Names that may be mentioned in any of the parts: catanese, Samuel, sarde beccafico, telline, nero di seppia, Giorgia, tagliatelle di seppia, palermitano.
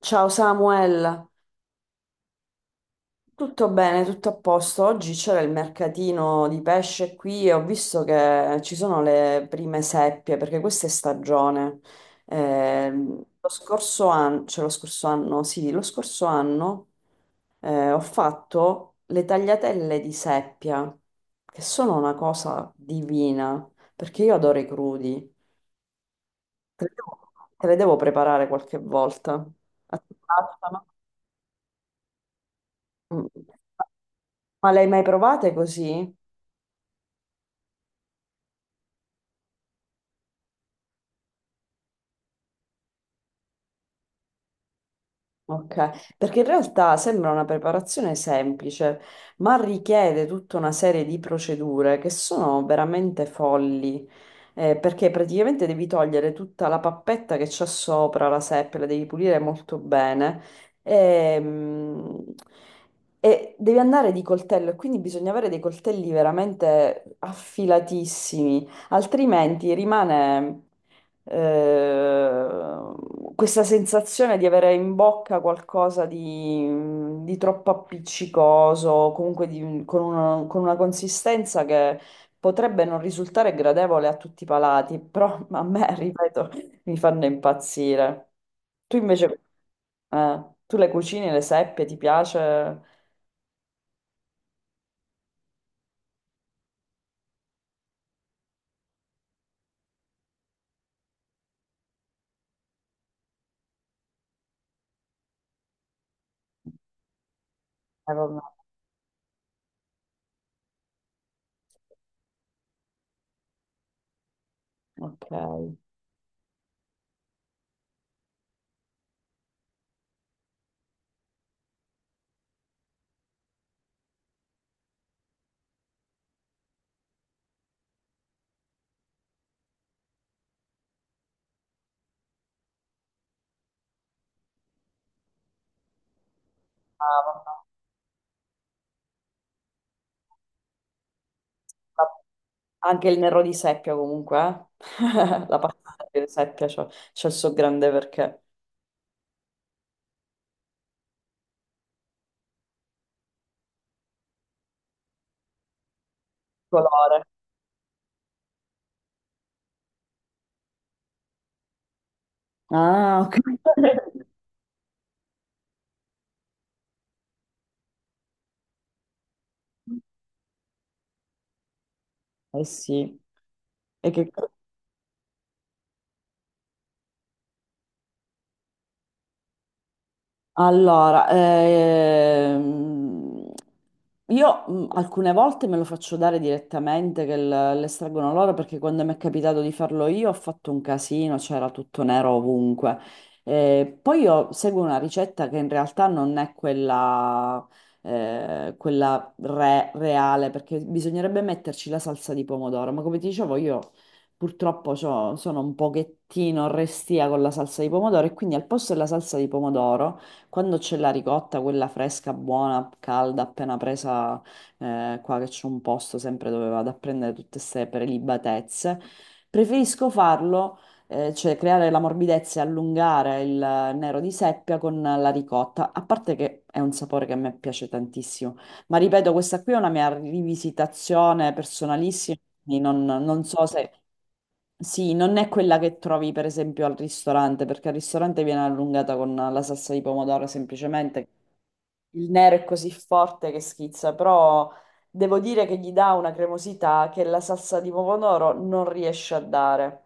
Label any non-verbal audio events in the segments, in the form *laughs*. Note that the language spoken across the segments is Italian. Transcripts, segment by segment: Ciao Samuel, tutto bene, tutto a posto. Oggi c'era il mercatino di pesce qui e ho visto che ci sono le prime seppie perché questa è stagione. Lo scorso anno, cioè lo scorso anno, sì, lo scorso anno ho fatto le tagliatelle di seppia, che sono una cosa divina, perché io adoro i crudi. Te le devo, te le devo preparare qualche volta. A te piacciono? Mm. Ma le hai mai provate così? Ok, perché in realtà sembra una preparazione semplice, ma richiede tutta una serie di procedure che sono veramente folli, perché praticamente devi togliere tutta la pappetta che c'è sopra la seppia, la devi pulire molto bene e, mm, e devi andare di coltello, e quindi bisogna avere dei coltelli veramente affilatissimi. Altrimenti rimane, eh, questa sensazione di avere in bocca qualcosa di troppo appiccicoso, comunque con una consistenza che potrebbe non risultare gradevole a tutti i palati, però a me, *laughs* ripeto, mi fanno impazzire. Tu invece, tu le cucini, le seppie, ti piace? Vabbè, ok. Ah, vabbè. Anche il nero di seppia comunque, eh? *laughs* La pasta di seppia c'ha il suo grande perché. Colore. Ah, ok. *laughs* Eh sì. E che... Allora, io alcune volte me lo faccio dare direttamente l'estraggono loro perché quando mi è capitato di farlo io ho fatto un casino, c'era tutto nero ovunque. Poi io seguo una ricetta che in realtà non è quella, quella reale perché bisognerebbe metterci la salsa di pomodoro, ma come ti dicevo io purtroppo sono un pochettino restia con la salsa di pomodoro e quindi al posto della salsa di pomodoro... Quando c'è la ricotta, quella fresca, buona, calda, appena presa, qua che c'è un posto sempre dove vado a prendere tutte queste prelibatezze, preferisco farlo, cioè creare la morbidezza e allungare il nero di seppia con la ricotta, a parte che è un sapore che a me piace tantissimo. Ma ripeto, questa qui è una mia rivisitazione personalissima, quindi non so se... Sì, non è quella che trovi per esempio al ristorante, perché al ristorante viene allungata con la salsa di pomodoro semplicemente. Il nero è così forte che schizza, però devo dire che gli dà una cremosità che la salsa di pomodoro non riesce a dare.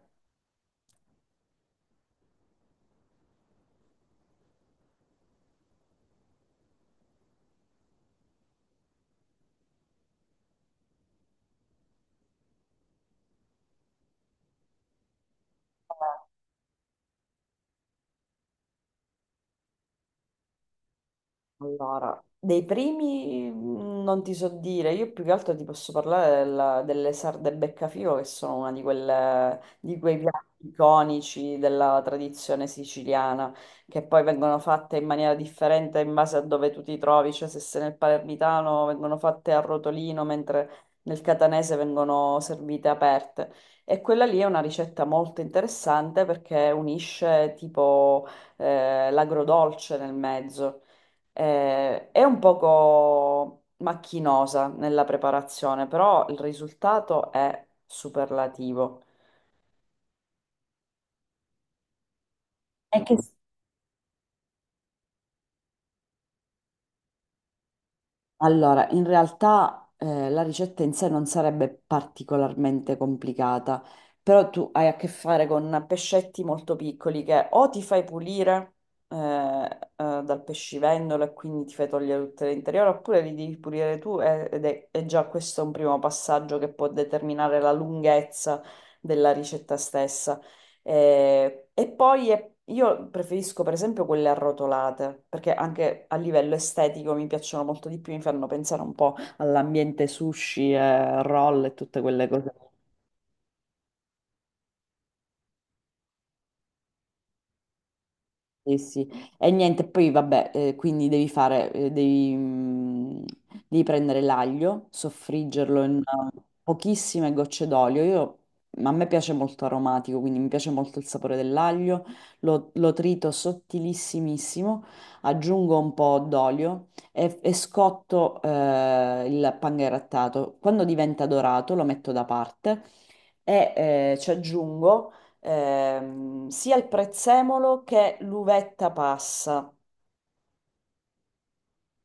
Allora, dei primi non ti so dire, io più che altro ti posso parlare delle sarde beccafico che sono una di quelle, di quei piatti iconici della tradizione siciliana, che poi vengono fatte in maniera differente in base a dove tu ti trovi, cioè se sei nel palermitano vengono fatte a rotolino, mentre nel catanese vengono servite aperte. E quella lì è una ricetta molto interessante perché unisce tipo l'agrodolce nel mezzo. È un poco macchinosa nella preparazione, però il risultato è superlativo. È che allora, in realtà la ricetta in sé non sarebbe particolarmente complicata, però tu hai a che fare con pescetti molto piccoli che o ti fai pulire eh, dal pescivendolo e quindi ti fai togliere tutto l'interiore, oppure li devi pulire tu ed è, e già questo è un primo passaggio che può determinare la lunghezza della ricetta stessa. E poi io preferisco per esempio quelle arrotolate, perché anche a livello estetico mi piacciono molto di più, mi fanno pensare un po' all'ambiente sushi, e roll e tutte quelle cose. Sì, sì. E niente, poi vabbè, quindi devi fare, devi prendere l'aglio, soffriggerlo in pochissime gocce d'olio. Io, ma a me piace molto aromatico, quindi mi piace molto il sapore dell'aglio, lo trito sottilissimissimo, aggiungo un po' d'olio e scotto, il pan grattato. Quando diventa dorato lo metto da parte e ci aggiungo sia il prezzemolo che l'uvetta passa.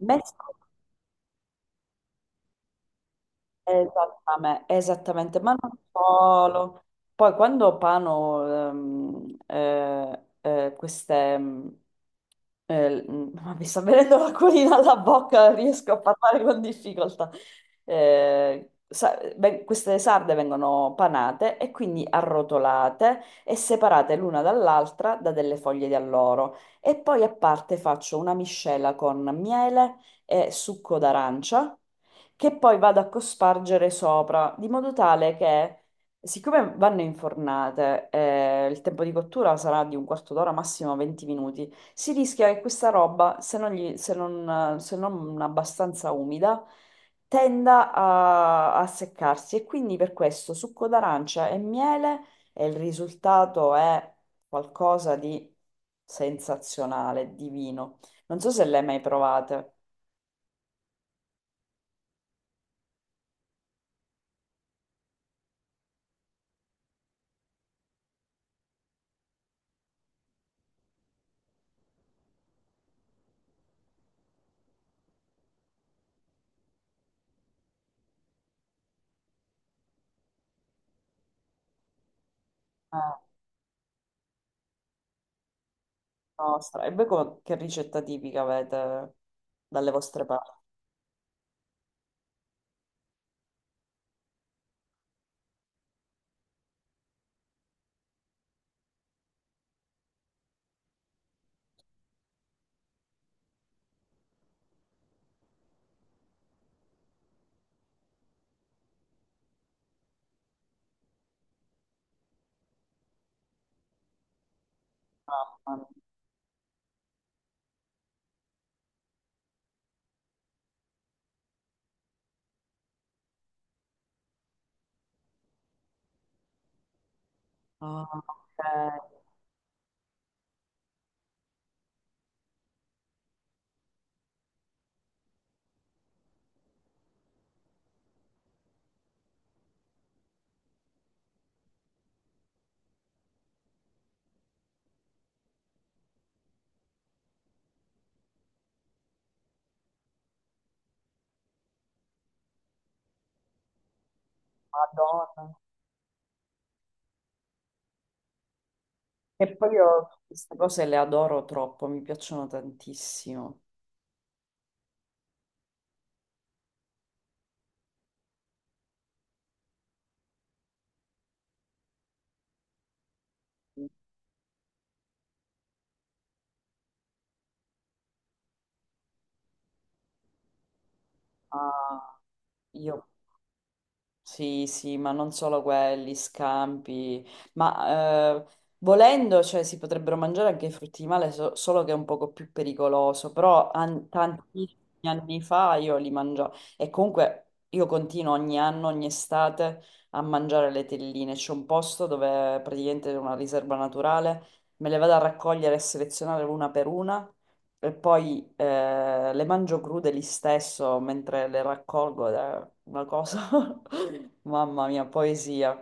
Messa esattame- esattamente, ma non solo. Poi quando pano queste... ma mi sta venendo l'acquolina alla bocca, riesco a parlare con difficoltà. Beh, queste sarde vengono panate e quindi arrotolate e separate l'una dall'altra da delle foglie di alloro. E poi a parte faccio una miscela con miele e succo d'arancia che poi vado a cospargere sopra, di modo tale che, siccome vanno infornate, il tempo di cottura sarà di un quarto d'ora, massimo 20 minuti, si rischia che questa roba, se non se non abbastanza umida, a seccarsi e quindi per questo succo d'arancia e miele e il risultato è qualcosa di sensazionale, divino. Non so se le hai mai provate. Nostra. E voi che ricetta tipica avete dalle vostre parti? Mamma mia. Ah, ok. Madonna. E poi io queste cose le adoro troppo, mi piacciono tantissimo. Ah, io sì, sì, ma non solo quelli, scampi, ma volendo, cioè, si potrebbero mangiare anche i frutti di male, solo che è un poco più pericoloso, tantissimi anni fa io li mangiavo e comunque io continuo ogni anno, ogni estate a mangiare le telline, c'è un posto dove praticamente è una riserva naturale, me le vado a raccogliere e selezionare una per una e poi le mangio crude lì stesso mentre le raccolgo ed è una cosa, *laughs* mamma mia, poesia.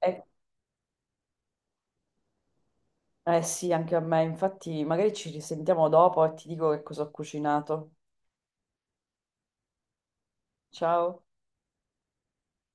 Eh, eh sì, anche a me, infatti magari ci risentiamo dopo e ti dico che cosa ho cucinato. Ciao.